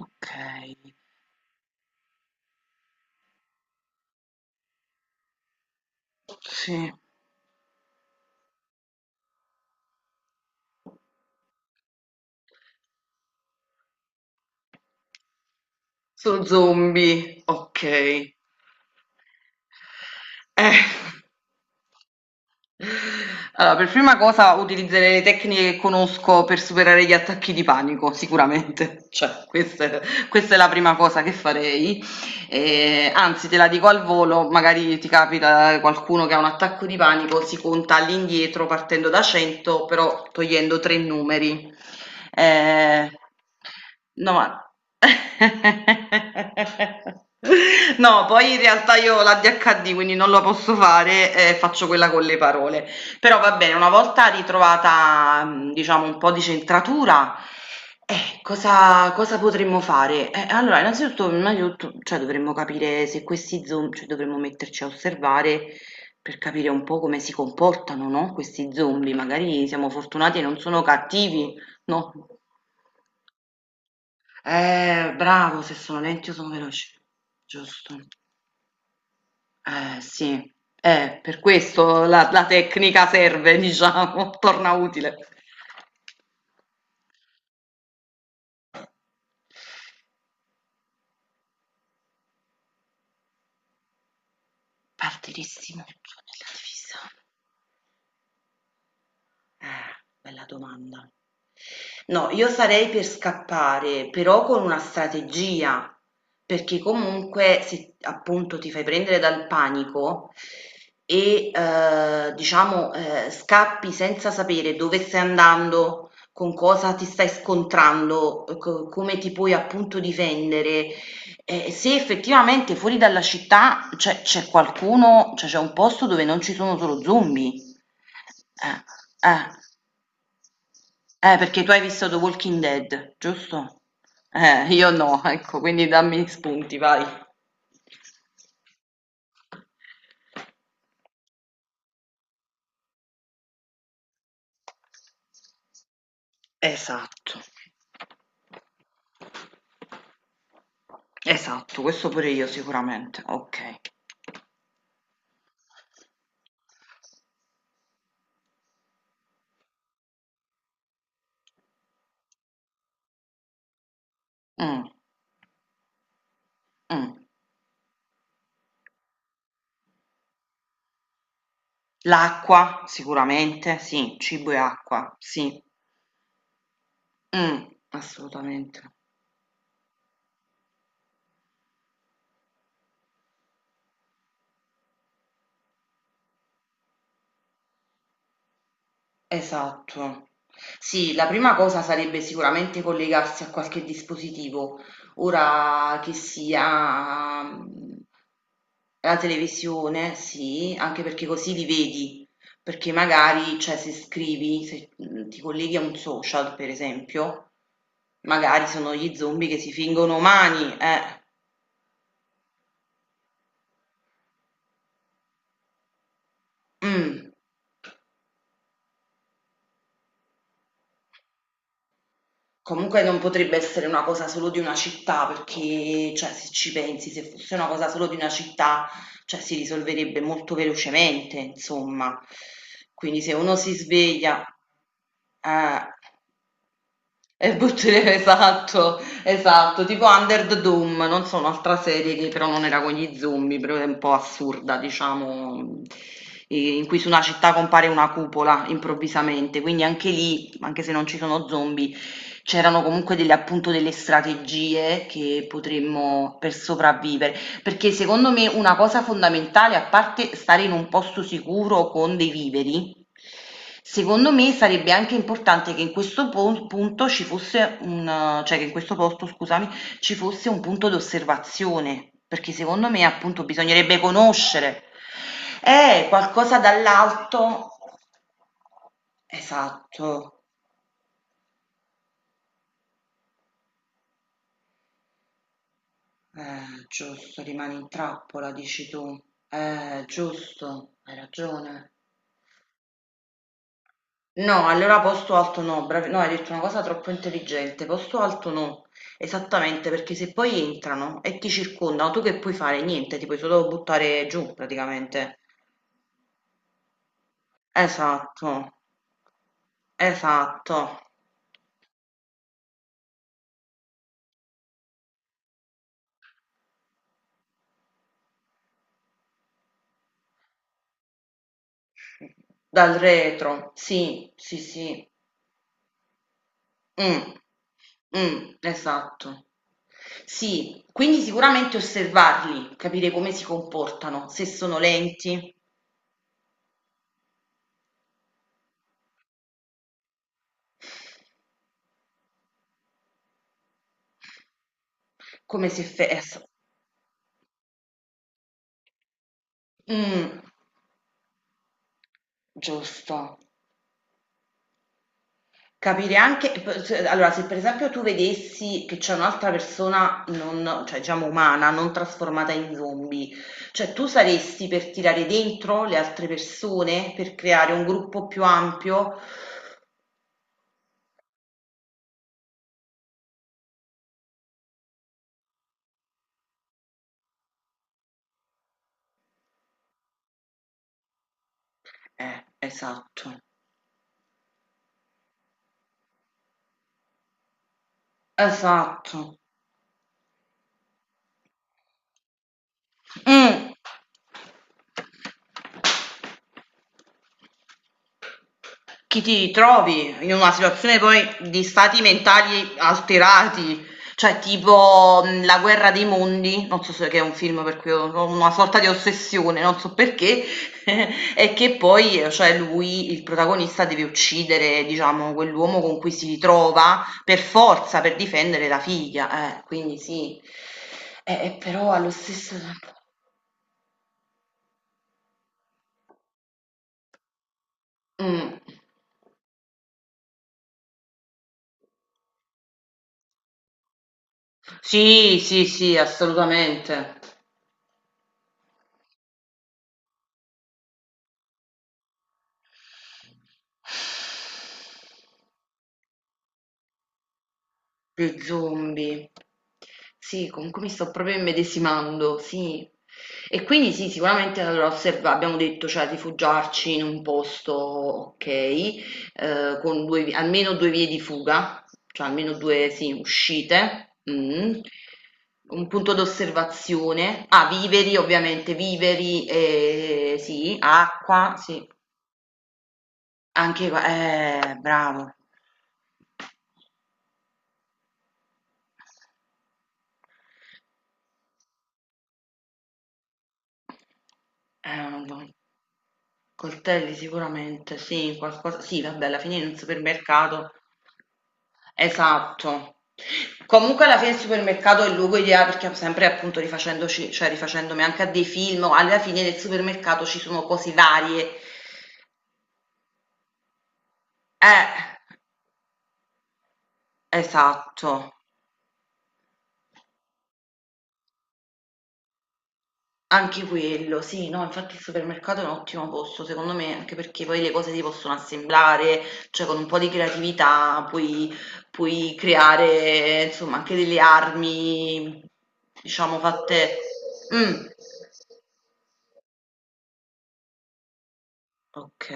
Okay, sì. Su zombie, okay. Eh, allora per prima cosa utilizzerei le tecniche che conosco per superare gli attacchi di panico, sicuramente. Cioè, questa è la prima cosa che farei. Anzi te la dico al volo, magari ti capita qualcuno che ha un attacco di panico, si conta all'indietro partendo da 100 però togliendo 3 numeri. Ehm, no ma No, poi in realtà io ho l'ADHD, quindi non lo posso fare, faccio quella con le parole. Però va bene, una volta ritrovata, diciamo, un po' di centratura, cosa potremmo fare? Allora, innanzitutto, prima di tutto, cioè, dovremmo capire se questi zombie, cioè, dovremmo metterci a osservare per capire un po' come si comportano, no? Questi zombie, magari siamo fortunati e non sono cattivi, no? Bravo, se sono lenti o sono veloci. Giusto. Sì. Per questo la tecnica serve, diciamo, torna utile. Partirissimo nella divisa. Eh, Bella domanda. No, io sarei per scappare, però con una strategia, perché comunque se appunto ti fai prendere dal panico e diciamo scappi senza sapere dove stai andando, con cosa ti stai scontrando, come ti puoi appunto difendere, se effettivamente fuori dalla città c'è qualcuno, cioè c'è un posto dove non ci sono solo zombie. Eh. Perché tu hai visto The Walking Dead, giusto? Io no, ecco, quindi dammi spunti, vai. Esatto, esatto, questo pure io sicuramente, ok. Mm, mm. L'acqua, sicuramente, sì, cibo e acqua, sì. Mm, assolutamente. Esatto. Sì, la prima cosa sarebbe sicuramente collegarsi a qualche dispositivo, ora che sia... mm. La televisione, sì, anche perché così li vedi, perché magari, cioè, se scrivi, se mm, ti colleghi a un social, per esempio, magari sono gli zombie che si fingono umani, eh. Mm. Comunque non potrebbe essere una cosa solo di una città, perché, cioè, se ci pensi, se fosse una cosa solo di una città, cioè, si risolverebbe molto velocemente, insomma. Quindi se uno si sveglia... eh, e buttare esatto, esatto, tipo Under the Dome, non so, un'altra serie che però non era con gli zombie, però è un po' assurda, diciamo, in cui su una città compare una cupola improvvisamente, quindi anche lì, anche se non ci sono zombie, c'erano comunque delle, appunto delle strategie che potremmo per sopravvivere, perché secondo me una cosa fondamentale, a parte stare in un posto sicuro con dei viveri. Secondo me sarebbe anche importante che in questo pon punto ci fosse un cioè che in questo posto, scusami, ci fosse un punto d'osservazione, perché secondo me appunto bisognerebbe conoscere. Qualcosa dall'alto. Esatto, giusto, rimani in trappola, dici tu. Giusto, hai ragione. No, allora posto alto no, no, hai detto una cosa troppo intelligente, posto alto no, esattamente, perché se poi entrano e ti circondano, tu che puoi fare? Niente, ti puoi solo buttare giù praticamente. Esatto, esatto, dal retro, sì, sì, sì. Mm, mm, esatto. Sì, quindi sicuramente osservarli, capire come si comportano, se sono lenti, come si... effe- es- mm, giusto. Capire anche p s allora se per esempio tu vedessi che c'è un'altra persona non cioè diciamo umana, non trasformata in zombie, cioè tu saresti per tirare dentro le altre persone, per creare un gruppo più ampio? Esatto, esatto. Mh. Chi ti trovi in una situazione poi di stati mentali alterati, cioè tipo La guerra dei mondi, non so se che è un film per cui ho una sorta di ossessione, non so perché, e che poi cioè lui, il protagonista, deve uccidere, diciamo, quell'uomo con cui si ritrova per forza, per difendere la figlia, quindi sì, eh, però allo stesso tempo... Mm. Sì, sì, sì, assolutamente. Lo zombie. Sì, comunque mi sto proprio immedesimando, sì. E quindi sì, sicuramente allora abbiamo detto, cioè rifugiarci in un posto, ok, con almeno due vie di fuga, cioè almeno due, sì, uscite, mm. Un punto d'osservazione, ah, viveri ovviamente, viveri, sì, acqua, sì, anche, bravo. Eh, Coltelli sicuramente, sì, qualcosa sì vabbè alla fine in un supermercato esatto. Comunque alla fine il supermercato è il luogo ideale perché sempre appunto rifacendoci cioè rifacendomi anche a dei film, alla fine nel supermercato ci sono cose varie. Eh, esatto. Anche quello, sì, no, infatti il supermercato è un ottimo posto, secondo me, anche perché poi le cose si possono assemblare, cioè con un po' di creatività puoi, puoi creare, insomma, anche delle armi, diciamo, fatte... Mm, ok.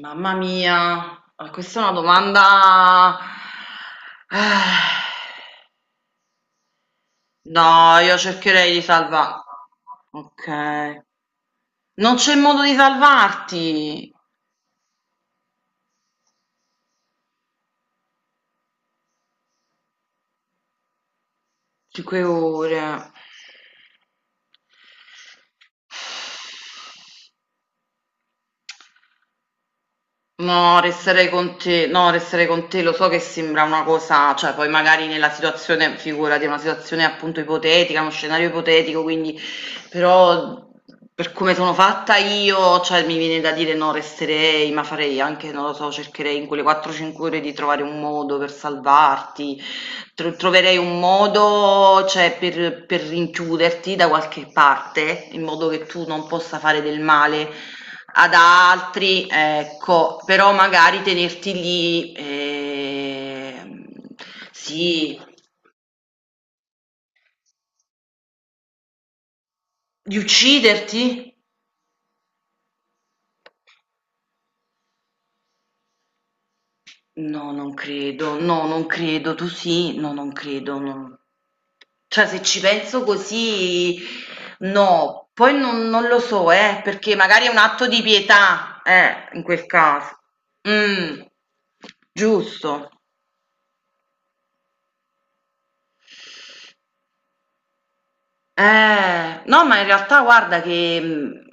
Mamma mia, ah, questa è una domanda... Ah, no, io cercherei di salvare... Ok. Non c'è modo di salvarti. 5 ore. No, resterei con te. No, resterei con te. Lo so che sembra una cosa, cioè poi magari nella situazione, figurati, è una situazione appunto ipotetica, uno scenario ipotetico, quindi però per come sono fatta io, cioè mi viene da dire no, resterei, ma farei anche, non lo so, cercherei in quelle 4-5 ore di trovare un modo per salvarti, troverei un modo, cioè, per rinchiuderti da qualche parte, in modo che tu non possa fare del male ad altri, ecco, però magari tenerti lì, sì, di ucciderti? No, non credo, no, non credo, tu sì, no, non credo, no. Cioè, se ci penso così, no, poi non, non lo so, perché magari è un atto di pietà, in quel caso. Mm, giusto. No, ma in realtà guarda che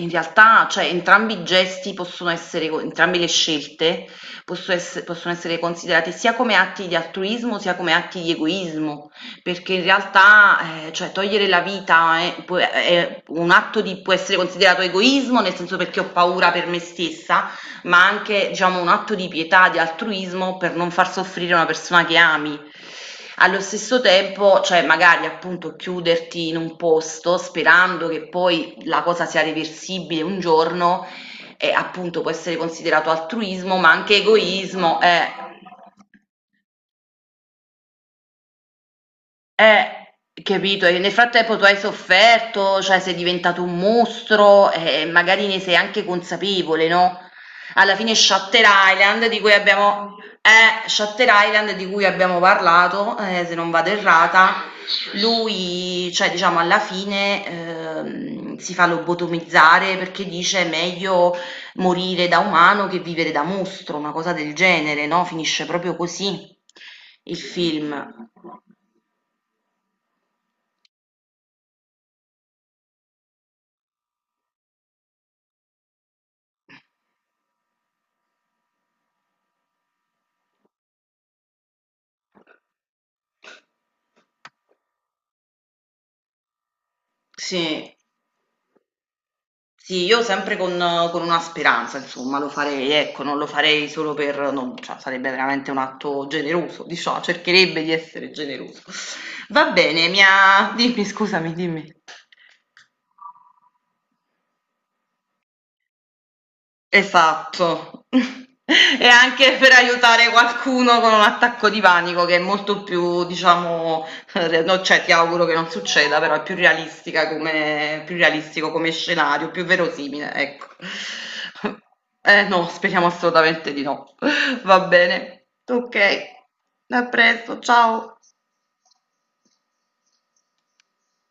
in realtà, cioè, entrambi i gesti possono essere, co- entrambe le scelte possono essere, considerate sia come atti di altruismo sia come atti di egoismo, perché in realtà, cioè, togliere la vita è, è un atto di, può essere considerato egoismo, nel senso perché ho paura per me stessa, ma anche, diciamo, un atto di pietà, di altruismo per non far soffrire una persona che ami. Allo stesso tempo, cioè magari appunto chiuderti in un posto sperando che poi la cosa sia reversibile un giorno, appunto può essere considerato altruismo, ma anche egoismo, capito? E nel frattempo tu hai sofferto, cioè sei diventato un mostro e magari ne sei anche consapevole, no? Alla fine Shutter Island di cui abbiamo, Shutter Island di cui abbiamo parlato, se non vado errata, lui, cioè diciamo alla fine, si fa lobotomizzare perché dice meglio morire da umano che vivere da mostro, una cosa del genere, no? Finisce proprio così il film. Sì, sì, io sempre con una speranza, insomma, lo farei, ecco, non lo farei solo per, non, cioè, sarebbe veramente un atto generoso, diciamo, cercherebbe di essere generoso. Va bene, mi ha... Dimmi, scusami, dimmi. Esatto. E anche per aiutare qualcuno con un attacco di panico che è molto più, diciamo, re no, cioè ti auguro che non succeda, però è più realistica come più realistico come scenario, più verosimile, ecco. Eh no, speriamo assolutamente di no. Va bene. Okay. A presto, ciao.